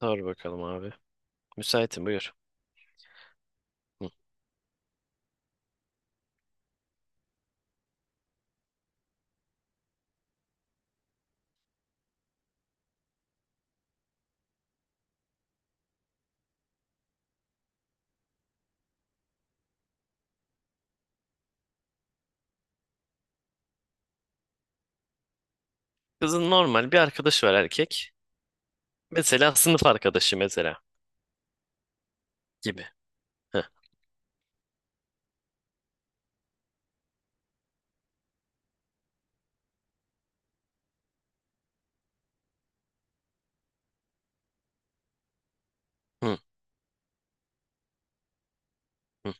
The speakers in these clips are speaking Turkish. Sor bakalım abi. Müsaitim, buyur. Hı. Kızın normal bir arkadaşı var, erkek. Mesela sınıf arkadaşı mesela gibi. Hı. Hı. Hı.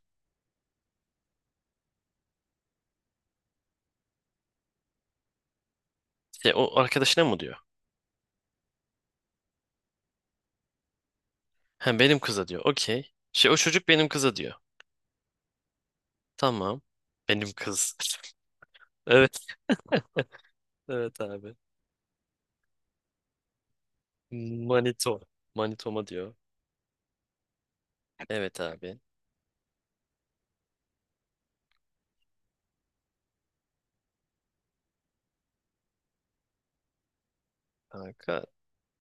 Şey, o arkadaşına mı diyor? Ha, benim kıza diyor. Okey. Şey, o çocuk benim kıza diyor. Tamam. Benim kız. Evet. Evet abi. Manito. Manitoma diyor. Evet abi. Kanka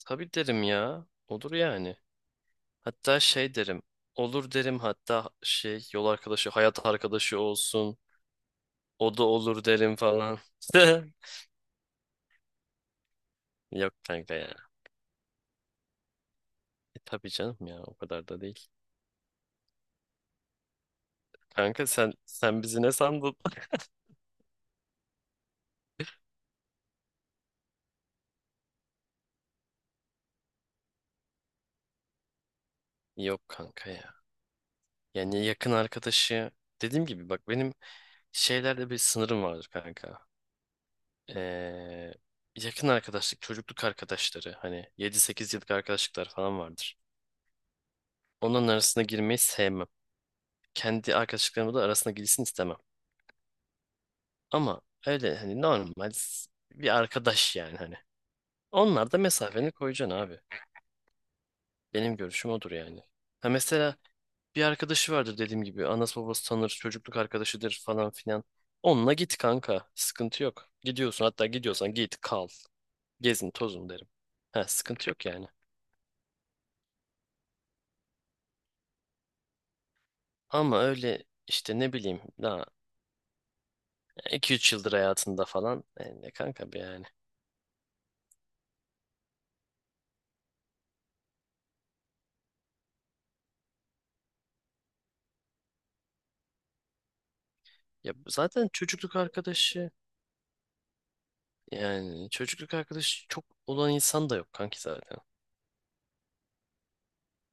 tabii derim ya. Olur yani. Hatta şey derim. Olur derim, hatta şey, yol arkadaşı, hayat arkadaşı olsun. O da olur derim falan. Yok kanka ya. E tabii canım ya, o kadar da değil. Kanka sen bizi ne sandın? Yok kanka ya. Yani yakın arkadaşı, dediğim gibi bak, benim şeylerde bir sınırım vardır kanka. Ee, Yakın arkadaşlık, çocukluk arkadaşları, hani yedi sekiz yıllık arkadaşlıklar falan vardır. Onların arasına girmeyi sevmem. Kendi arkadaşlıklarımla da arasına girsin istemem. Ama öyle hani normal bir arkadaş yani hani. Onlar da mesafeni koyacaksın abi. Benim görüşüm odur yani. Ha mesela, bir arkadaşı vardır dediğim gibi. Anası babası tanır, çocukluk arkadaşıdır falan filan. Onunla git kanka. Sıkıntı yok. Gidiyorsun, hatta gidiyorsan git kal. Gezin tozun derim. Ha sıkıntı yok yani. Ama öyle işte ne bileyim, daha iki üç yıldır hayatında falan. Ne kanka be yani. Ya zaten çocukluk arkadaşı, yani çocukluk arkadaşı çok olan insan da yok kanki zaten.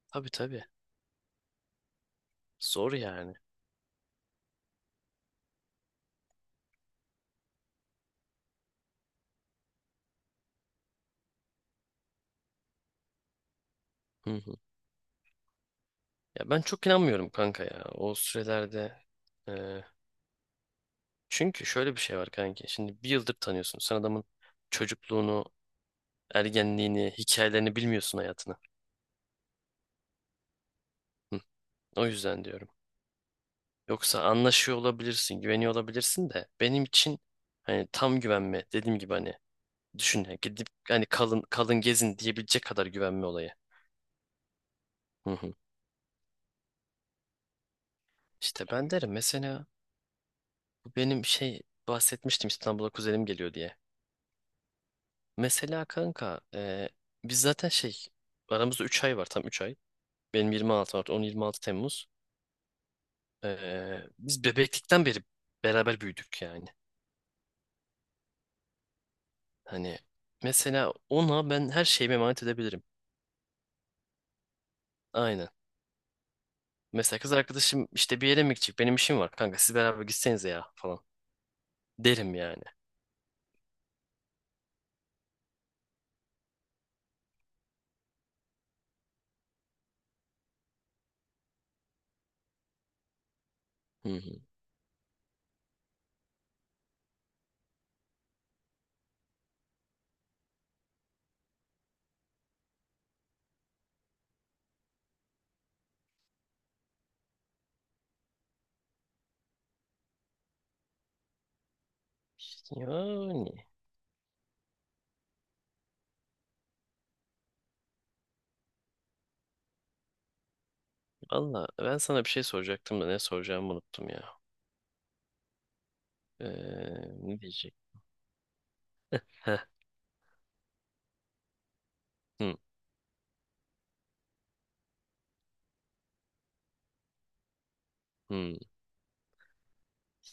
Tabii tabii. Zor yani. Hı. Ya ben çok inanmıyorum kanka ya o sürelerde. e, Çünkü şöyle bir şey var kanka. Şimdi bir yıldır tanıyorsun. Sen adamın çocukluğunu, ergenliğini, hikayelerini bilmiyorsun, hayatını. Hı, o yüzden diyorum. Yoksa anlaşıyor olabilirsin, güveniyor olabilirsin de, benim için hani tam güvenme, dediğim gibi hani, düşün ya, gidip hani kalın kalın gezin diyebilecek kadar güvenme olayı. Hı hı. İşte ben derim mesela, bu benim şey, bahsetmiştim İstanbul'a kuzenim geliyor diye. Mesela kanka, biz zaten şey, aramızda 3 ay var, tam 3 ay. Benim 26 Mart, on yirmi altı Temmuz. E, Biz bebeklikten beri beraber büyüdük yani. Hani mesela ona ben her şeyimi emanet edebilirim. Aynen. Mesela kız arkadaşım işte bir yere mi gidecek, benim işim var kanka, siz beraber gitsenize ya falan derim yani. Hı hı. İşte yani, valla ben sana bir şey soracaktım da ne soracağımı unuttum ya. E, Ne diyecek? Heh, hı, hı.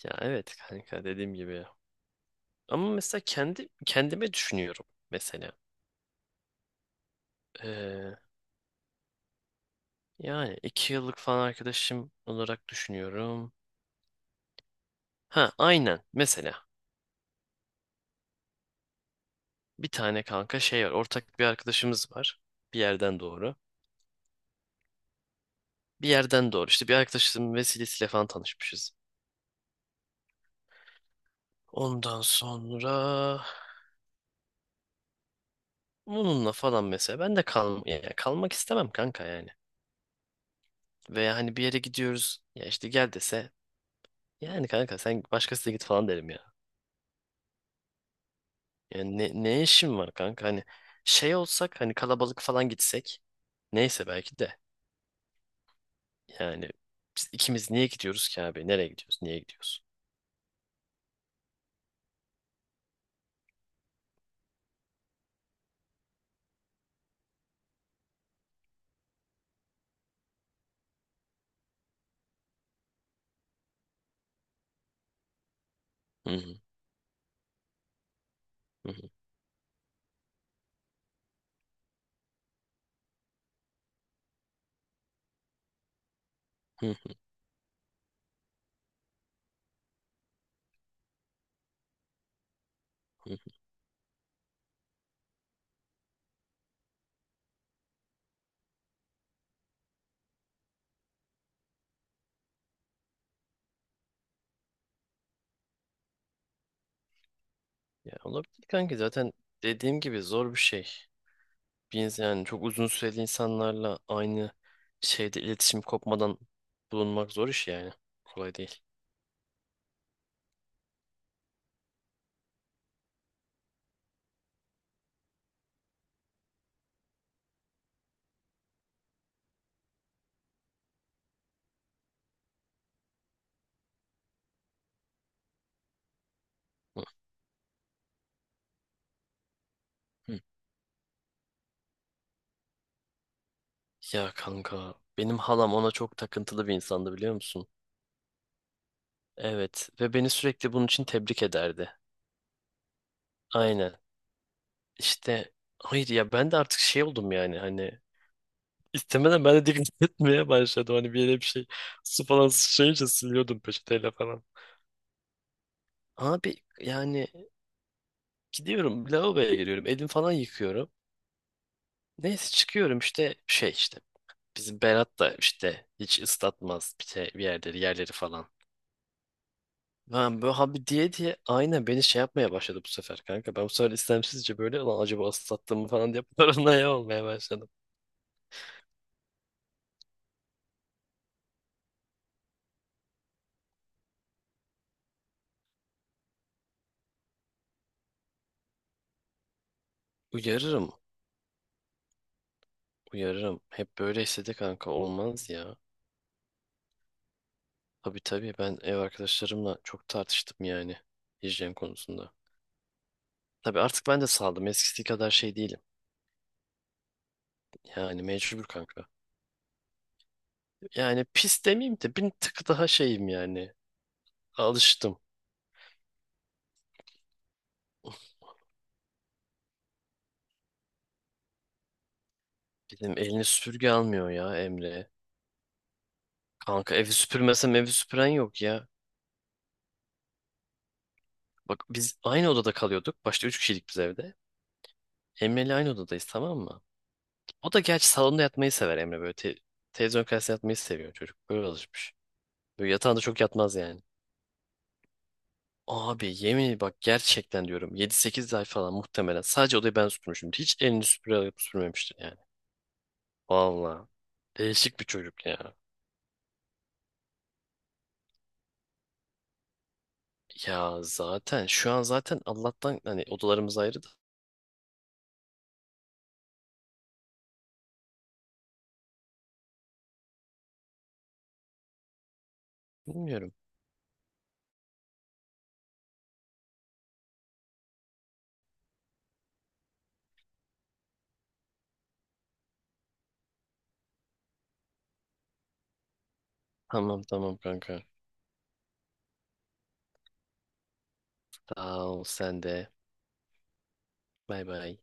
Ya evet kanka, dediğim gibi. Ama mesela kendi kendime düşünüyorum mesela. Ee, Yani iki yıllık falan arkadaşım olarak düşünüyorum. Ha aynen, mesela bir tane kanka şey var, ortak bir arkadaşımız var, bir yerden doğru. Bir yerden doğru işte, bir arkadaşımın vesilesiyle falan tanışmışız. Ondan sonra bununla falan, mesela ben de kal, yani kalmak istemem kanka yani. Veya hani bir yere gidiyoruz ya, işte gel dese, yani kanka sen başkasına git falan derim yani." Yani ne işin var kanka? Hani şey olsak, hani kalabalık falan gitsek. Neyse, belki de. Yani biz ikimiz niye gidiyoruz ki abi? Nereye gidiyoruz? Niye gidiyoruz? Hı hı, hı hı, hı hı. Ya olabilir kanki, zaten dediğim gibi zor bir şey. Biz yani çok uzun süreli insanlarla aynı şeyde iletişim kopmadan bulunmak zor iş yani. Kolay değil. Hı hı. Ya kanka, benim halam ona çok takıntılı bir insandı, biliyor musun? Evet, ve beni sürekli bunun için tebrik ederdi. Aynen. İşte hayır ya, ben de artık şey oldum yani hani, istemeden ben de dikkat etmeye başladım, hani bir yere bir şey, su falan sıçrayınca siliyordum peçeteyle falan. Abi yani, gidiyorum lavaboya, giriyorum, elim falan yıkıyorum. Neyse, çıkıyorum işte şey, işte bizim Berat da işte hiç ıslatmaz bir yerleri falan. Ben böyle abi diye diye, aynen beni şey yapmaya başladı bu sefer kanka. Ben bu sefer istemsizce böyle, lan acaba ıslattım mı falan diye paranoya olmaya başladım. Uyarırım. Uyarırım. Hep böyle istedi kanka. Olmaz ya. Tabii tabii, ben ev arkadaşlarımla çok tartıştım yani, hijyen konusunda. Tabii artık ben de saldım. Eskisi kadar şey değilim. Yani mecbur kanka. Yani pis demeyeyim de, bir tık daha şeyim yani. Alıştım. Dedim elini süpürge almıyor ya Emre. Kanka, evi süpürmesem evi süpüren yok ya. Bak, biz aynı odada kalıyorduk. Başta üç kişilik biz evde. Emre ile aynı odadayız, tamam mı? O da gerçi salonda yatmayı sever Emre, böyle. Televizyon karşısında yatmayı seviyor çocuk. Böyle alışmış. Böyle yatağında çok yatmaz yani. Abi yemin ederim, bak gerçekten diyorum, yedi sekiz ay falan muhtemelen sadece odayı ben süpürmüşüm. Hiç elini süpüre alıp süpürmemiştir yani. Valla değişik bir çocuk ya. Ya zaten şu an zaten Allah'tan hani odalarımız ayrı da, bilmiyorum. Tamam tamam kanka. Sağ ol, sen de. Bay bay.